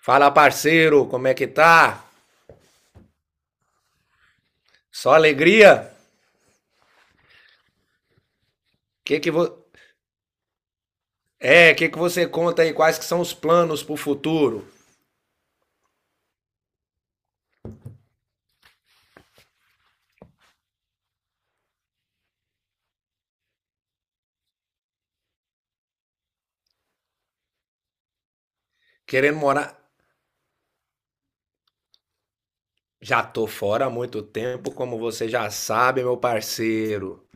Fala, parceiro, como é que tá? Só alegria? Que que vo... É, o que que você conta aí? Quais que são os planos pro futuro? Querendo morar? Já tô fora há muito tempo, como você já sabe, meu parceiro.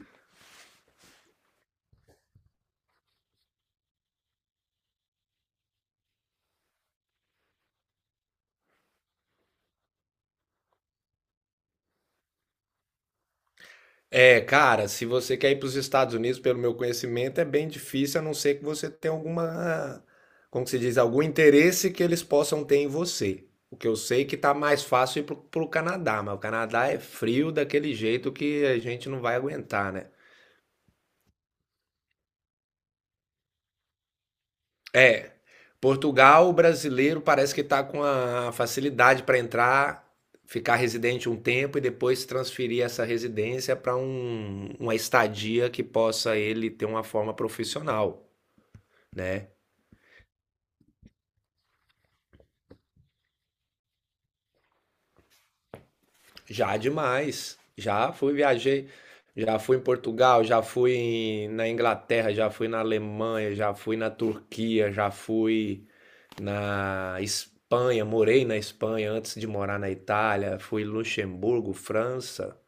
É, cara, se você quer ir pros Estados Unidos, pelo meu conhecimento, é bem difícil, a não ser que você tenha alguma, como que se diz, algum interesse que eles possam ter em você. O que eu sei é que tá mais fácil ir pro Canadá, mas o Canadá é frio daquele jeito que a gente não vai aguentar, né? É. Portugal, o brasileiro parece que está com a facilidade para entrar, ficar residente um tempo e depois transferir essa residência para uma estadia que possa ele ter uma forma profissional, né? Já demais. Já fui, viajei, já fui em Portugal, na Inglaterra, já fui na Alemanha, já fui na Turquia, já fui na Espanha, morei na Espanha antes de morar na Itália, fui em Luxemburgo, França.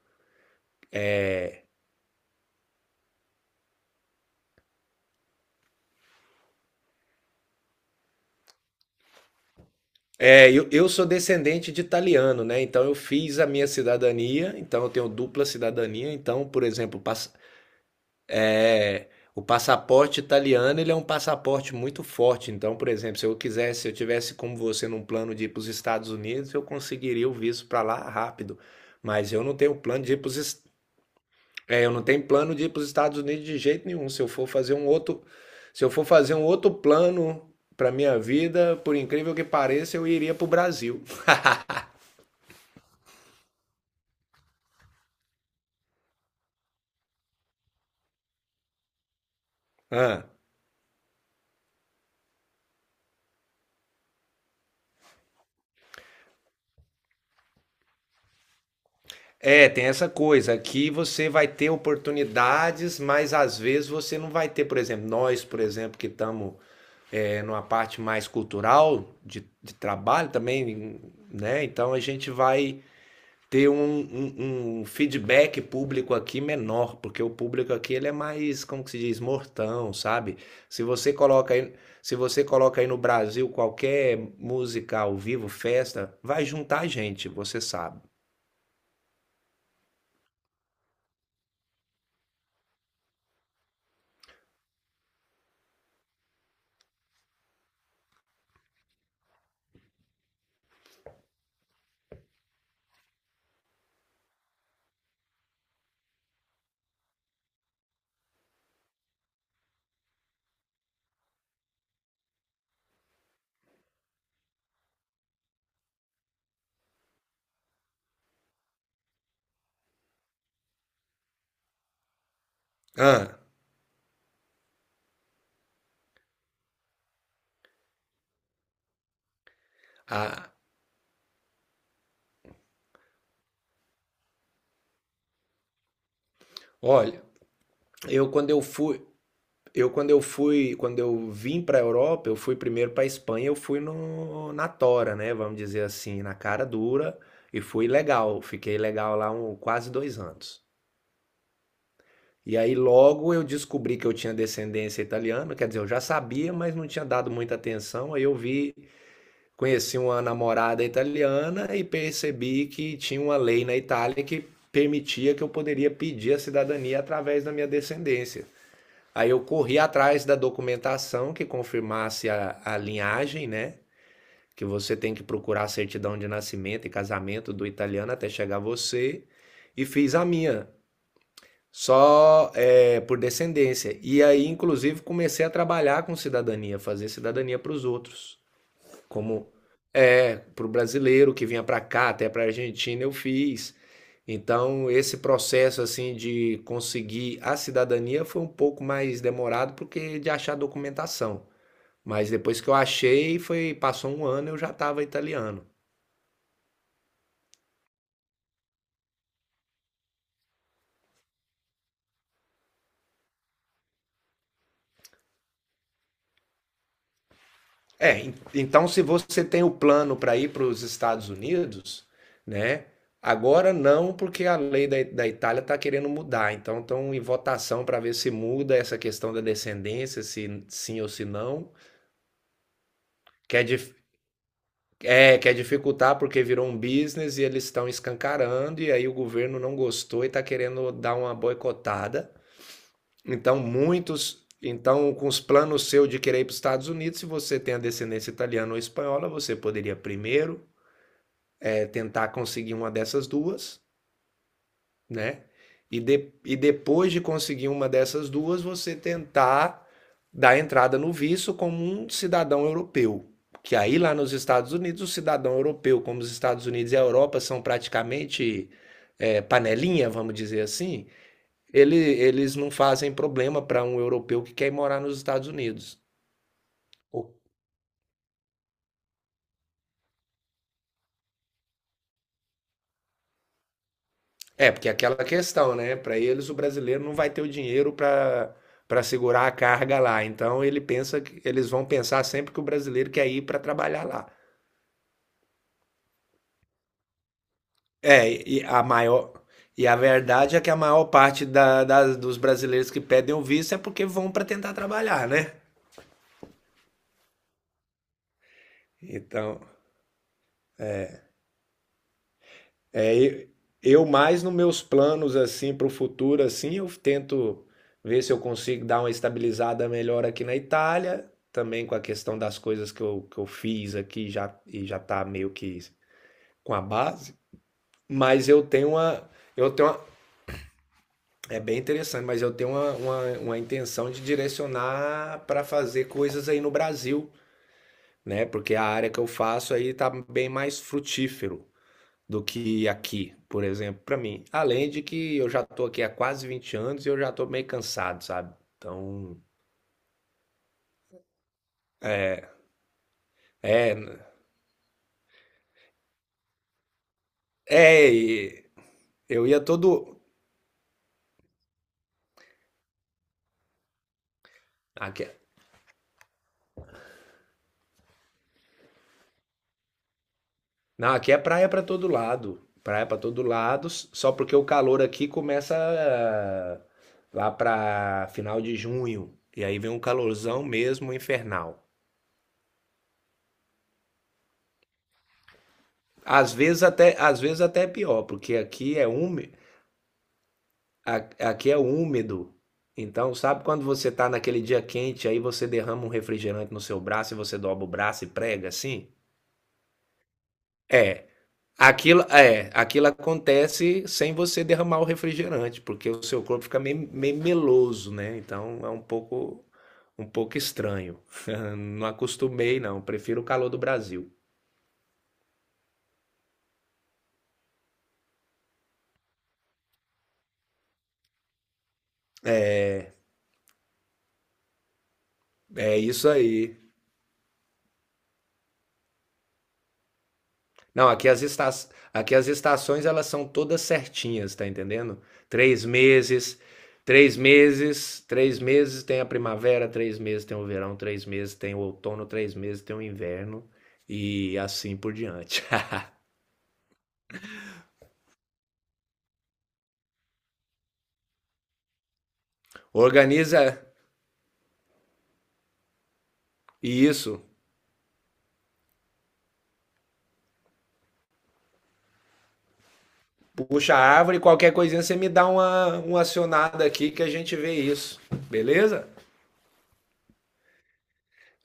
É, eu sou descendente de italiano, né? Então eu fiz a minha cidadania, então eu tenho dupla cidadania. Então, por exemplo, o passaporte italiano, ele é um passaporte muito forte. Então, por exemplo, se eu quisesse, se eu tivesse como você num plano de ir para os Estados Unidos, eu conseguiria o visto para lá rápido. Mas eu não tenho plano de ir para os. É, eu não tenho plano de ir para os Estados Unidos de jeito nenhum. Se eu for fazer um outro, Se eu for fazer um outro plano para minha vida, por incrível que pareça, eu iria para o Brasil. Ah, é, tem essa coisa. Aqui você vai ter oportunidades, mas às vezes você não vai ter. Por exemplo, nós, por exemplo, que estamos numa parte mais cultural de trabalho também, né? Então a gente vai ter um feedback público aqui menor, porque o público aqui ele é mais, como que se diz, mortão, sabe? Se você coloca aí, Se você coloca aí no Brasil qualquer música ao vivo, festa, vai juntar gente, você sabe. Ah, ah, olha, eu quando eu fui, eu quando eu fui, quando eu vim para a Europa, eu fui primeiro para a Espanha, eu fui no, na tora, né? Vamos dizer assim, na cara dura e fui legal, fiquei legal lá um, quase 2 anos. E aí logo eu descobri que eu tinha descendência italiana, quer dizer, eu já sabia, mas não tinha dado muita atenção. Aí eu vi, conheci uma namorada italiana e percebi que tinha uma lei na Itália que permitia que eu poderia pedir a cidadania através da minha descendência. Aí eu corri atrás da documentação que confirmasse a linhagem, né? Que você tem que procurar a certidão de nascimento e casamento do italiano até chegar você. E fiz a minha. Só é, por descendência. E aí, inclusive, comecei a trabalhar com cidadania, fazer cidadania para os outros. Como é, para o brasileiro que vinha para cá, até para a Argentina, eu fiz. Então, esse processo assim de conseguir a cidadania foi um pouco mais demorado porque de achar documentação. Mas depois que eu achei, foi, passou um ano, eu já estava italiano. É, então se você tem o plano para ir para os Estados Unidos, né? Agora não, porque a lei da Itália está querendo mudar. Então estão em votação para ver se muda essa questão da descendência, se sim ou se não. Quer, dif- quer dificultar porque virou um business e eles estão escancarando, e aí o governo não gostou e está querendo dar uma boicotada. Então, muitos. Então, com os planos seu de querer ir para os Estados Unidos, se você tem a descendência italiana ou espanhola, você poderia primeiro tentar conseguir uma dessas duas, né? E depois de conseguir uma dessas duas, você tentar dar entrada no visto como um cidadão europeu. Que aí lá nos Estados Unidos, o cidadão europeu, como os Estados Unidos e a Europa são praticamente panelinha, vamos dizer assim, eles não fazem problema para um europeu que quer ir morar nos Estados Unidos. O É, porque é aquela questão, né? Para eles, o brasileiro não vai ter o dinheiro para para segurar a carga lá. Então ele pensa que eles vão pensar sempre que o brasileiro quer ir para trabalhar lá. É, e a verdade é que a maior parte dos brasileiros que pedem o visto é porque vão para tentar trabalhar, né? Então, É, e- eu mais nos meus planos assim para o futuro assim, eu tento ver se eu consigo dar uma estabilizada melhor aqui na Itália, também com a questão das coisas que eu fiz aqui já e já tá meio que com a base, mas eu tenho uma, é bem interessante, mas eu tenho uma intenção de direcionar para fazer coisas aí no Brasil, né? Porque a área que eu faço aí tá bem mais frutífero do que aqui, por exemplo, para mim. Além de que eu já tô aqui há quase 20 anos e eu já tô meio cansado, sabe? Então, é, é, e eu ia todo aqui, não, aqui é praia para todo lado, praia para todo lado, só porque o calor aqui começa lá para final de junho e aí vem um calorzão mesmo infernal. Às vezes até é pior, porque aqui é úmido, aqui é úmido. Então, sabe quando você tá naquele dia quente, aí você derrama um refrigerante no seu braço e você dobra o braço e prega assim? É, aquilo acontece sem você derramar o refrigerante, porque o seu corpo fica meio meloso, né? Então é um pouco estranho. Não acostumei, não. Prefiro o calor do Brasil. É isso aí. Não, aqui aqui as estações elas são todas certinhas, tá entendendo? Três meses, três meses tem a primavera, 3 meses tem o verão, 3 meses tem o outono, 3 meses tem o inverno e assim por diante. Organiza isso, puxa a árvore, qualquer coisinha você me dá uma acionada aqui que a gente vê isso, beleza?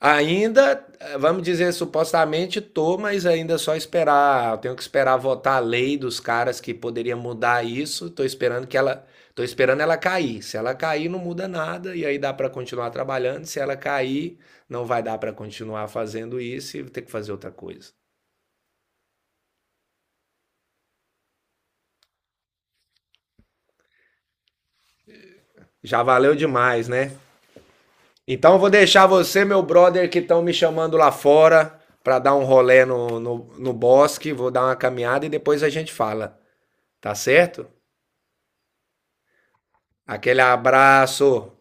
Ainda, vamos dizer, supostamente tô, mas ainda é só esperar, eu tenho que esperar votar a lei dos caras que poderia mudar isso. Tô esperando ela cair. Se ela cair, não muda nada e aí dá para continuar trabalhando. Se ela cair, não vai dar para continuar fazendo isso e vou ter que fazer outra coisa. Já valeu demais, né? Então eu vou deixar você, meu brother, que estão me chamando lá fora para dar um rolê no bosque, vou dar uma caminhada e depois a gente fala, tá certo? Aquele abraço.